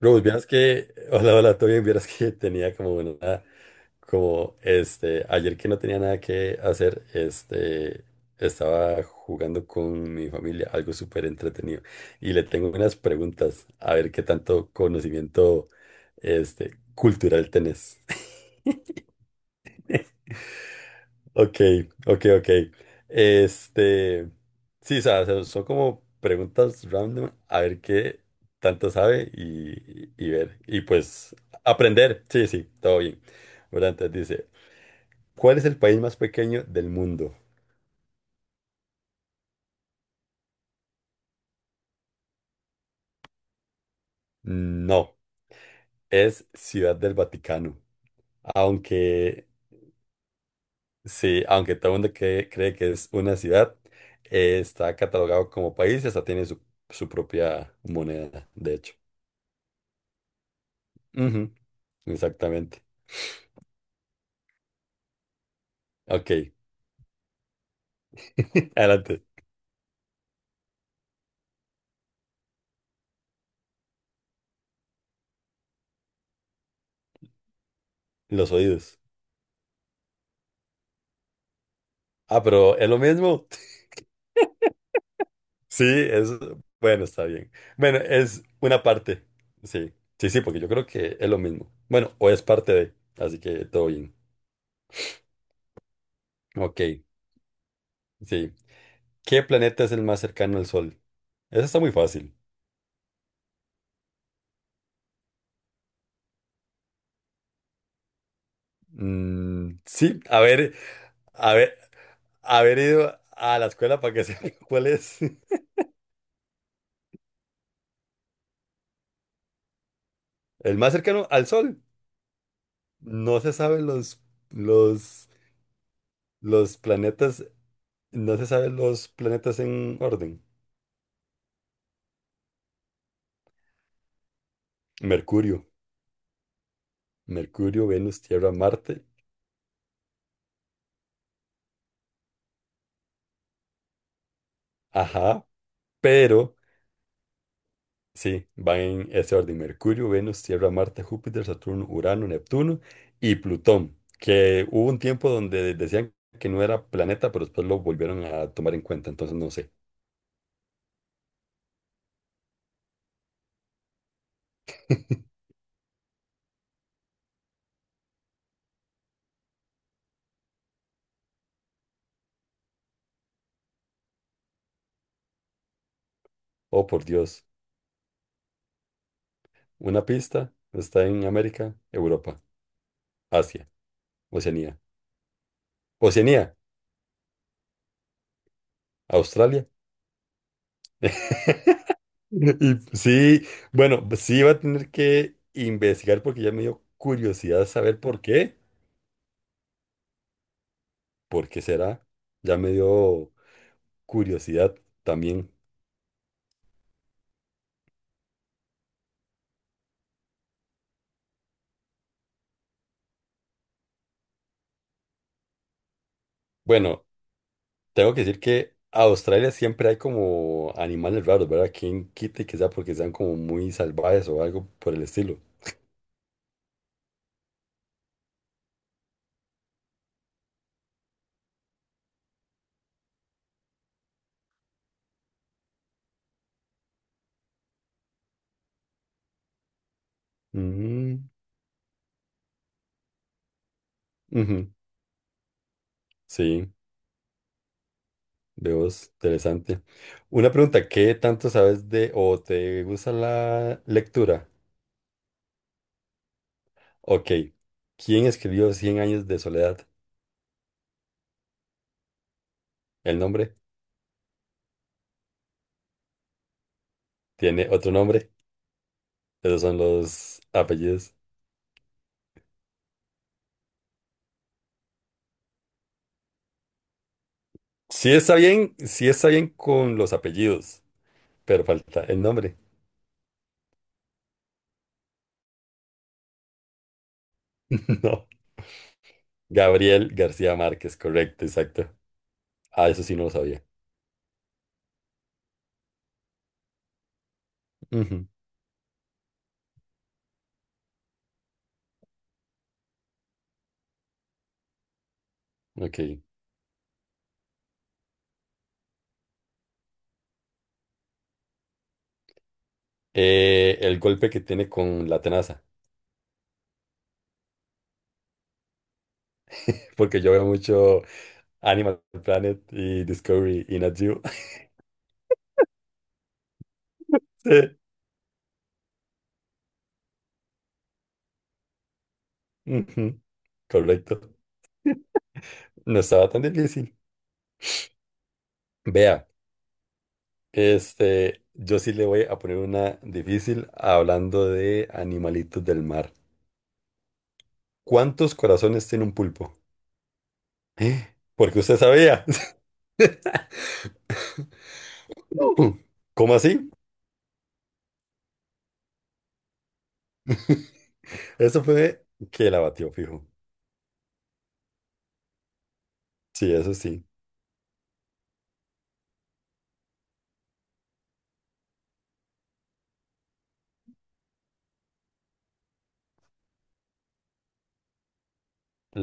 Bro, pues vieras que, hola, hola, todo bien, vieras que tenía como una, como ayer que no tenía nada que hacer, estaba jugando con mi familia, algo súper entretenido, y le tengo unas preguntas, a ver qué tanto conocimiento, cultural tenés. Ok, ok, ok. Este, sí, o sea, son como preguntas random, a ver qué tanto sabe y ver. Y pues aprender, sí, sí, todo bien. Bueno, entonces dice, ¿cuál es el país más pequeño del mundo? No, es Ciudad del Vaticano. Aunque, sí, aunque todo el mundo cree que es una ciudad, está catalogado como país y hasta tiene su, su propia moneda, de hecho. Ujú, exactamente. Ok, adelante. Los oídos. Ah, pero es lo mismo. Sí, es... Bueno, está bien. Bueno, es una parte. Sí, sí, sí, porque yo creo que es lo mismo. Bueno, o es parte de, así que todo bien. Ok, sí. ¿Qué planeta es el más cercano al Sol? Eso está muy fácil. Sí, a ver, haber ido a la escuela para que sepa cuál es. El más cercano al Sol. No se saben los, los planetas. No se saben los planetas en orden. Mercurio, Mercurio, Venus, Tierra, Marte. Ajá, pero sí, van en ese orden. Mercurio, Venus, Tierra, Marte, Júpiter, Saturno, Urano, Neptuno y Plutón. Que hubo un tiempo donde decían que no era planeta, pero después lo volvieron a tomar en cuenta. Entonces no sé. Oh, por Dios. Una pista: está en América, Europa, Asia, Oceanía. Oceanía, Australia. Y sí, bueno, pues sí va a tener que investigar porque ya me dio curiosidad saber por qué. ¿Por qué será? Ya me dio curiosidad también. Bueno, tengo que decir que a Australia siempre hay como animales raros, ¿verdad? ¿Quién quite que sea porque sean como muy salvajes o algo por el estilo? Mm, ujú. Sí, veo es interesante. Una pregunta, ¿qué tanto sabes de o te gusta la lectura? Ok. ¿Quién escribió Cien años de soledad? ¿El nombre? ¿Tiene otro nombre? Esos son los apellidos. Sí está bien con los apellidos, pero falta el nombre. No. Gabriel García Márquez, correcto, exacto. Ah, eso sí no lo sabía. Ujú, ok. El golpe que tiene con la tenaza. Porque yo veo mucho Animal Planet y Discovery y Nat Geo. Sí, ujú, correcto. No estaba tan difícil. Vea. Yo sí le voy a poner una difícil hablando de animalitos del mar. ¿Cuántos corazones tiene un pulpo? ¿Eh? Porque usted sabía. ¿Cómo así? Eso fue que la batió, fijo. Sí, eso sí.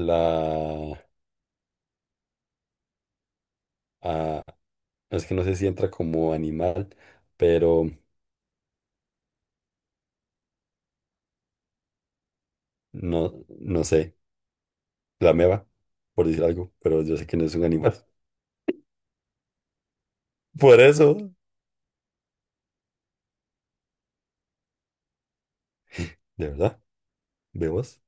La... ah, es que no sé si entra como animal, pero no, no sé. La meba, por decir algo, pero yo sé que no es un animal. Por eso, de verdad, ¿vemos?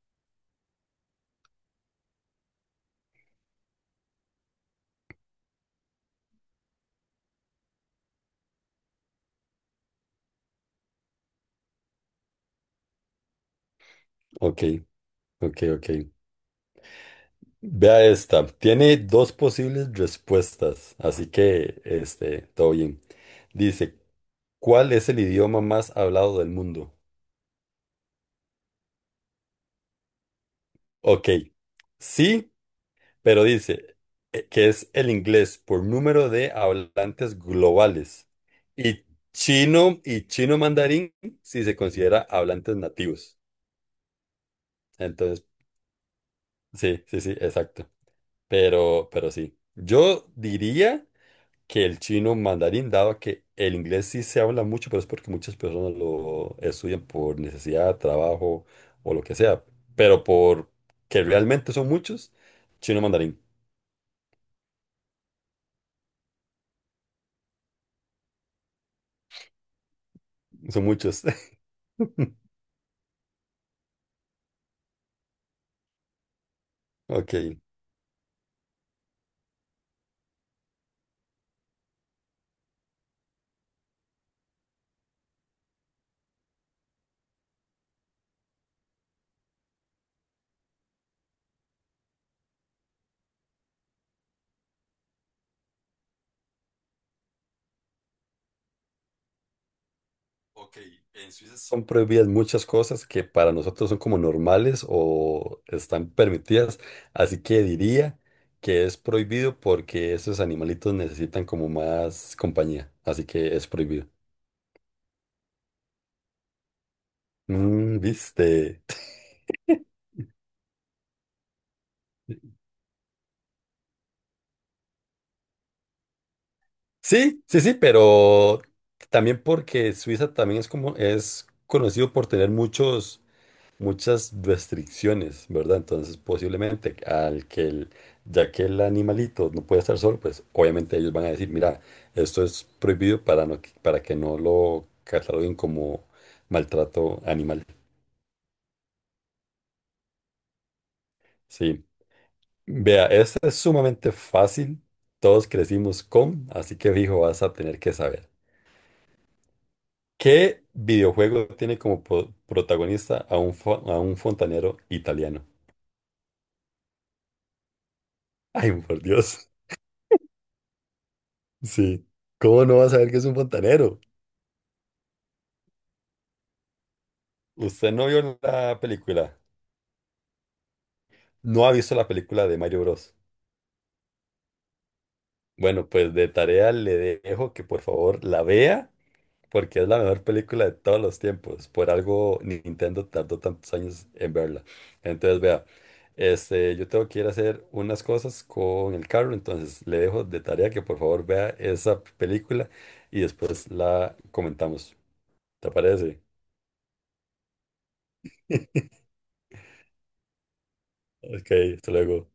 Ok, ok, ok. Vea esta. Tiene dos posibles respuestas, así que todo bien. Dice, ¿cuál es el idioma más hablado del mundo? Ok, sí, pero dice que es el inglés por número de hablantes globales y chino, y chino mandarín si se considera hablantes nativos. Entonces, sí, sí, sí, exacto. Pero sí. Yo diría que el chino mandarín, dado que el inglés sí se habla mucho, pero es porque muchas personas lo estudian por necesidad, trabajo o lo que sea, pero por que realmente son muchos, chino mandarín, son muchos. Ok. Ok, en Suiza son prohibidas muchas cosas que para nosotros son como normales o están permitidas, así que diría que es prohibido porque esos animalitos necesitan como más compañía, así que es prohibido. Mm, ¿viste? Sí, sí, sí, pero también porque Suiza también es como es conocido por tener muchos muchas restricciones, ¿verdad? Entonces, posiblemente al que el, ya que el animalito no puede estar solo, pues obviamente ellos van a decir, mira, esto es prohibido para para que no lo cataloguen como maltrato animal. Sí. Vea, esta es sumamente fácil. Todos crecimos con, así que fijo, vas a tener que saber. ¿Qué videojuego tiene como protagonista a a un fontanero italiano? Ay, por Dios. Sí. ¿Cómo no va a saber que es un fontanero? Usted no vio la película. No ha visto la película de Mario Bros. Bueno, pues de tarea le dejo que por favor la vea porque es la mejor película de todos los tiempos. Por algo Nintendo tardó tantos años en verla. Entonces, vea, yo tengo que ir a hacer unas cosas con el carro, entonces le dejo de tarea que por favor vea esa película y después la comentamos. ¿Te parece? Ok, hasta luego.